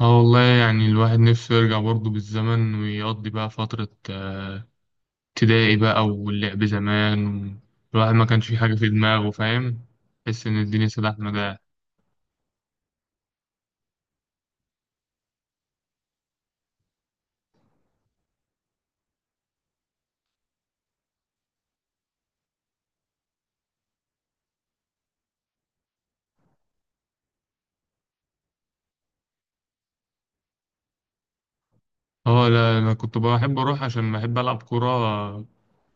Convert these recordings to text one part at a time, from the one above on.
اه والله يعني الواحد نفسه يرجع برضه بالزمن ويقضي بقى فترة ابتدائي بقى واللعب زمان الواحد ما كانش فيه حاجة في دماغه فاهم. تحس إن الدنيا سلاحنا ده. اه لا أنا كنت بحب أروح عشان بحب ألعب كورة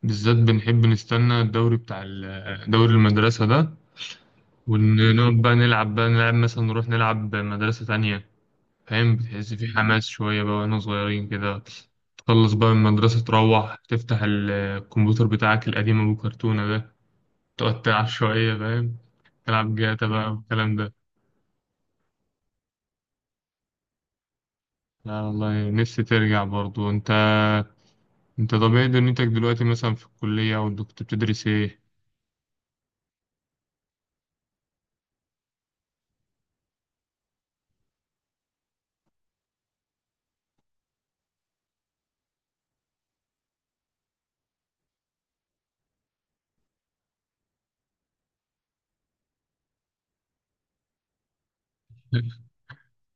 بالذات بنحب نستنى الدوري بتاع دوري المدرسة ده، ونقعد بقى نلعب مثلا، نروح نلعب مدرسة تانية فاهم، بتحس في حماس شوية بقى واحنا صغيرين كده. تخلص بقى من المدرسة تروح تفتح الكمبيوتر بتاعك القديم أبو كرتونة ده، تقعد تلعب شوية فاهم، تلعب جاتا بقى والكلام ده. لا والله نفسي ترجع برضو انت. انت طبيعي دنيتك دلوقتي مثلا في الكلية او انت كنت بتدرس ايه؟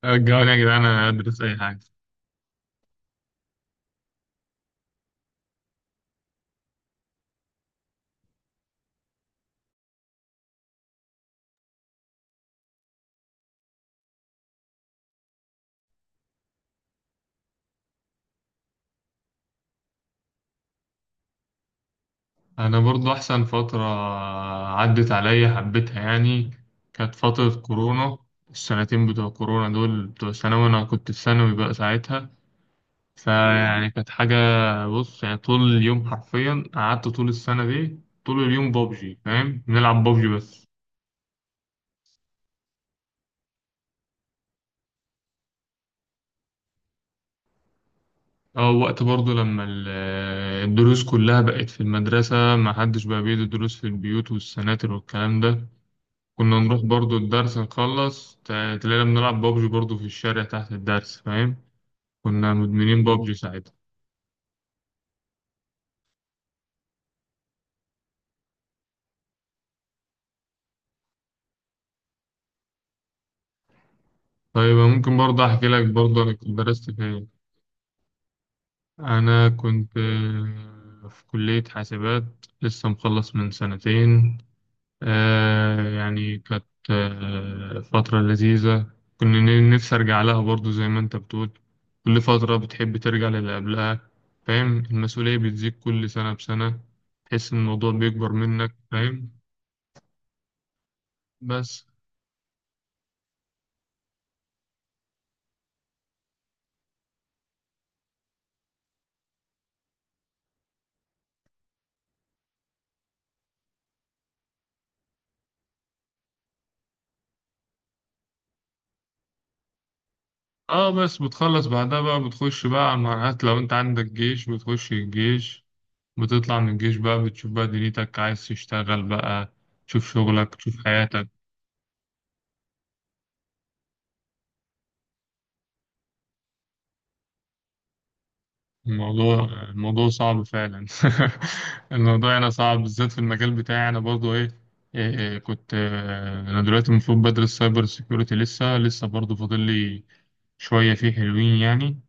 رجعوني يا جدعان انا ادرس اي حاجة. انا برضو احسن فترة عدت عليا حبيتها يعني، كانت فترة كورونا. السنتين بتوع كورونا دول بتوع ثانوي، انا كنت في ثانوي بقى ساعتها، فيعني كانت حاجة. بص يعني طول اليوم حرفيا، قعدت طول السنة دي طول اليوم بابجي فاهم، بنلعب بابجي بس. اه وقت برضه لما الدروس كلها بقت في المدرسة، ما حدش بقى بيدي دروس في البيوت والسناتر والكلام ده. كنا نروح برضه الدرس نخلص تلاقينا بنلعب بابجي برضه في الشارع تحت الدرس فاهم، كنا مدمنين بابجي ساعتها. طيب ممكن برضه أحكي لك برضه أنا كنت درست فين. أنا كنت في كلية حاسبات، لسه مخلص من سنتين، يعني كانت فترة لذيذة. كنا نفسي أرجع لها برضو زي ما أنت بتقول، كل فترة بتحب ترجع للي قبلها فاهم، المسؤولية بتزيد كل سنة بسنة، تحس إن الموضوع بيكبر منك فاهم. بس اه بس بتخلص بعدها بقى، بتخش بقى على المرحلات، لو انت عندك جيش بتخش الجيش، بتطلع من الجيش بقى بتشوف بقى دنيتك عايز تشتغل بقى، تشوف شغلك تشوف حياتك. الموضوع الموضوع صعب فعلا. الموضوع هنا صعب بالذات في المجال بتاعي، انا برضو ايه, إيه, إيه كنت انا دلوقتي المفروض بدرس سايبر سيكيورتي، لسه برضو فاضل لي شوية، فيه حلوين يعني.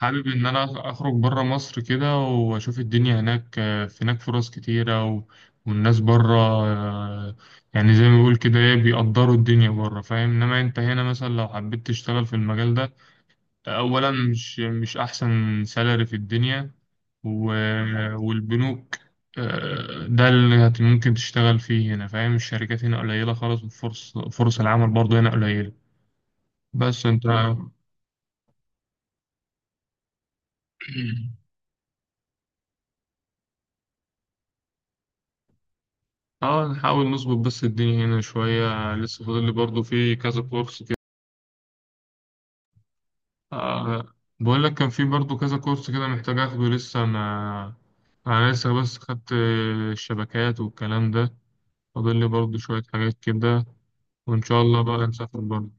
حابب إن أنا أخرج برا مصر كده وأشوف الدنيا هناك، في هناك فرص كتيرة والناس برا، يعني زي ما بيقول كده إيه، بيقدروا الدنيا برا فاهم، إنما أنت هنا مثلا لو حبيت تشتغل في المجال ده، أولا مش أحسن سالري في الدنيا و... والبنوك، ده اللي ممكن تشتغل فيه هنا فاهم، الشركات هنا قليلة خالص، وفرص العمل برضه هنا قليلة بس أنت. اه نحاول نظبط بس الدنيا هنا شوية، لسه فاضل لي برضه في كذا كورس كده. آه بقول لك كان في برضه كذا كورس كده محتاج اخده لسه ما. انا لسه بس خدت الشبكات والكلام ده، فاضل لي برضه شوية حاجات كده، وان شاء الله بقى نسافر برضه.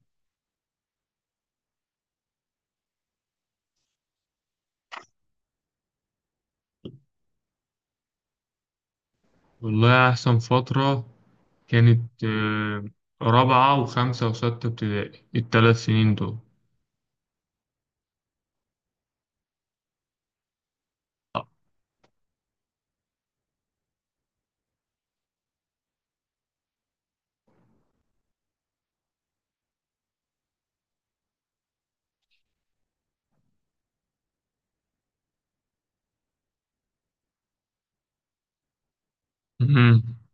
والله احسن فترة كانت رابعة وخمسة وستة ابتدائي، الثلاث سنين دول.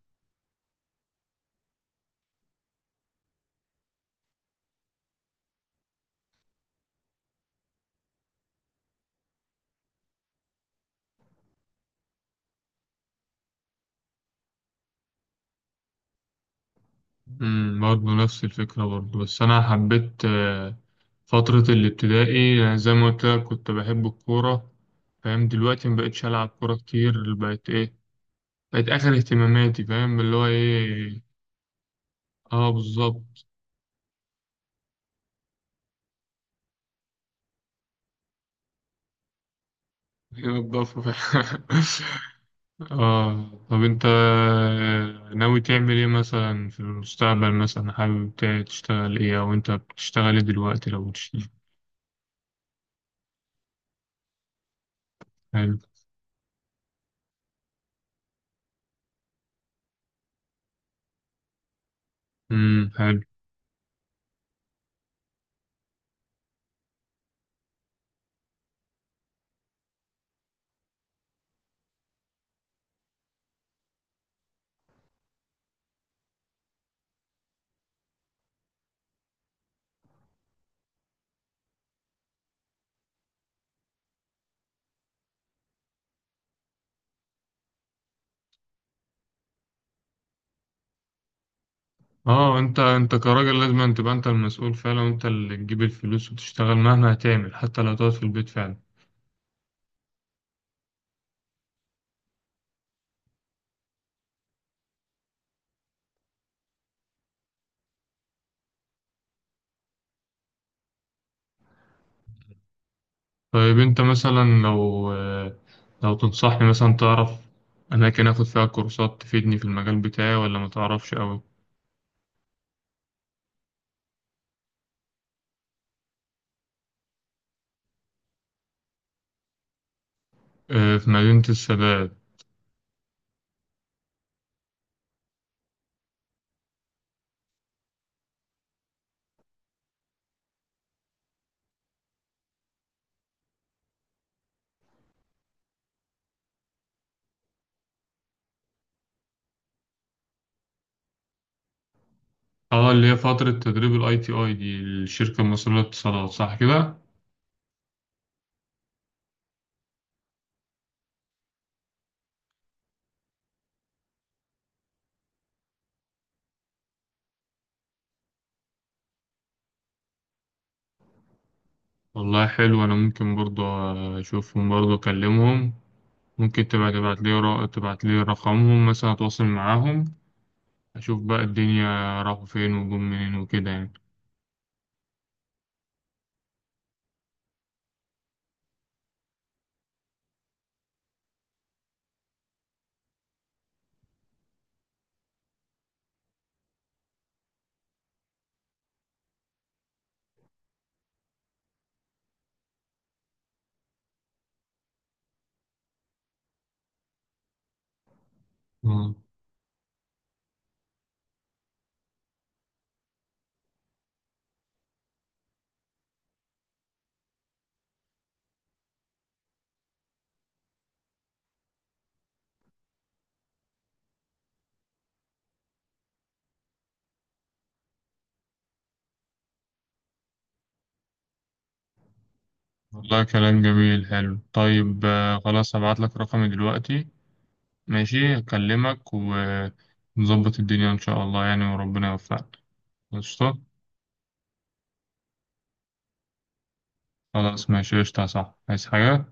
برضه نفس الفكرة برضه، بس أنا حبيت فترة الابتدائي، يعني زي ما قلت لك كنت بحب الكورة فاهم، دلوقتي مبقتش ألعب كورة كتير، بقت إيه، بقت آخر اهتماماتي فاهم اللي هو إيه. آه بالظبط. هي الضفة فعلا. آه طب أنت ناوي تعمل إيه مثلا في المستقبل، مثلا حابب تشتغل إيه أو أنت بتشتغل إيه دلوقتي لو بتشتغل؟ حلو. حلو. اه انت كراجل لازم أن تبقى انت المسؤول فعلا، وانت اللي تجيب الفلوس وتشتغل مهما هتعمل، حتى لو تقعد في البيت فعلا. طيب انت مثلا لو تنصحني مثلا تعرف اماكن اخد فيها كورسات تفيدني في المجال بتاعي ولا ما تعرفش قوي؟ في مدينة السادات. اه اللي هي فترة تدريب الاي تي اي دي الشركة المصرية للاتصالات صح كده؟ والله حلو، انا ممكن برضو اشوفهم برضو اكلمهم، ممكن تبقى تبعت لي رقمهم مثلا اتواصل معاهم. أشوف بقى الدنيا راحوا فين وجم منين وكده يعني. مم. والله كلام جميل حلو، طيب، خلاص هبعت لك رقمي دلوقتي. ماشي أكلمك ونظبط الدنيا إن شاء الله يعني، وربنا يوفقك. قشطة. خلاص ماشي قشطة، صح عايز حاجة؟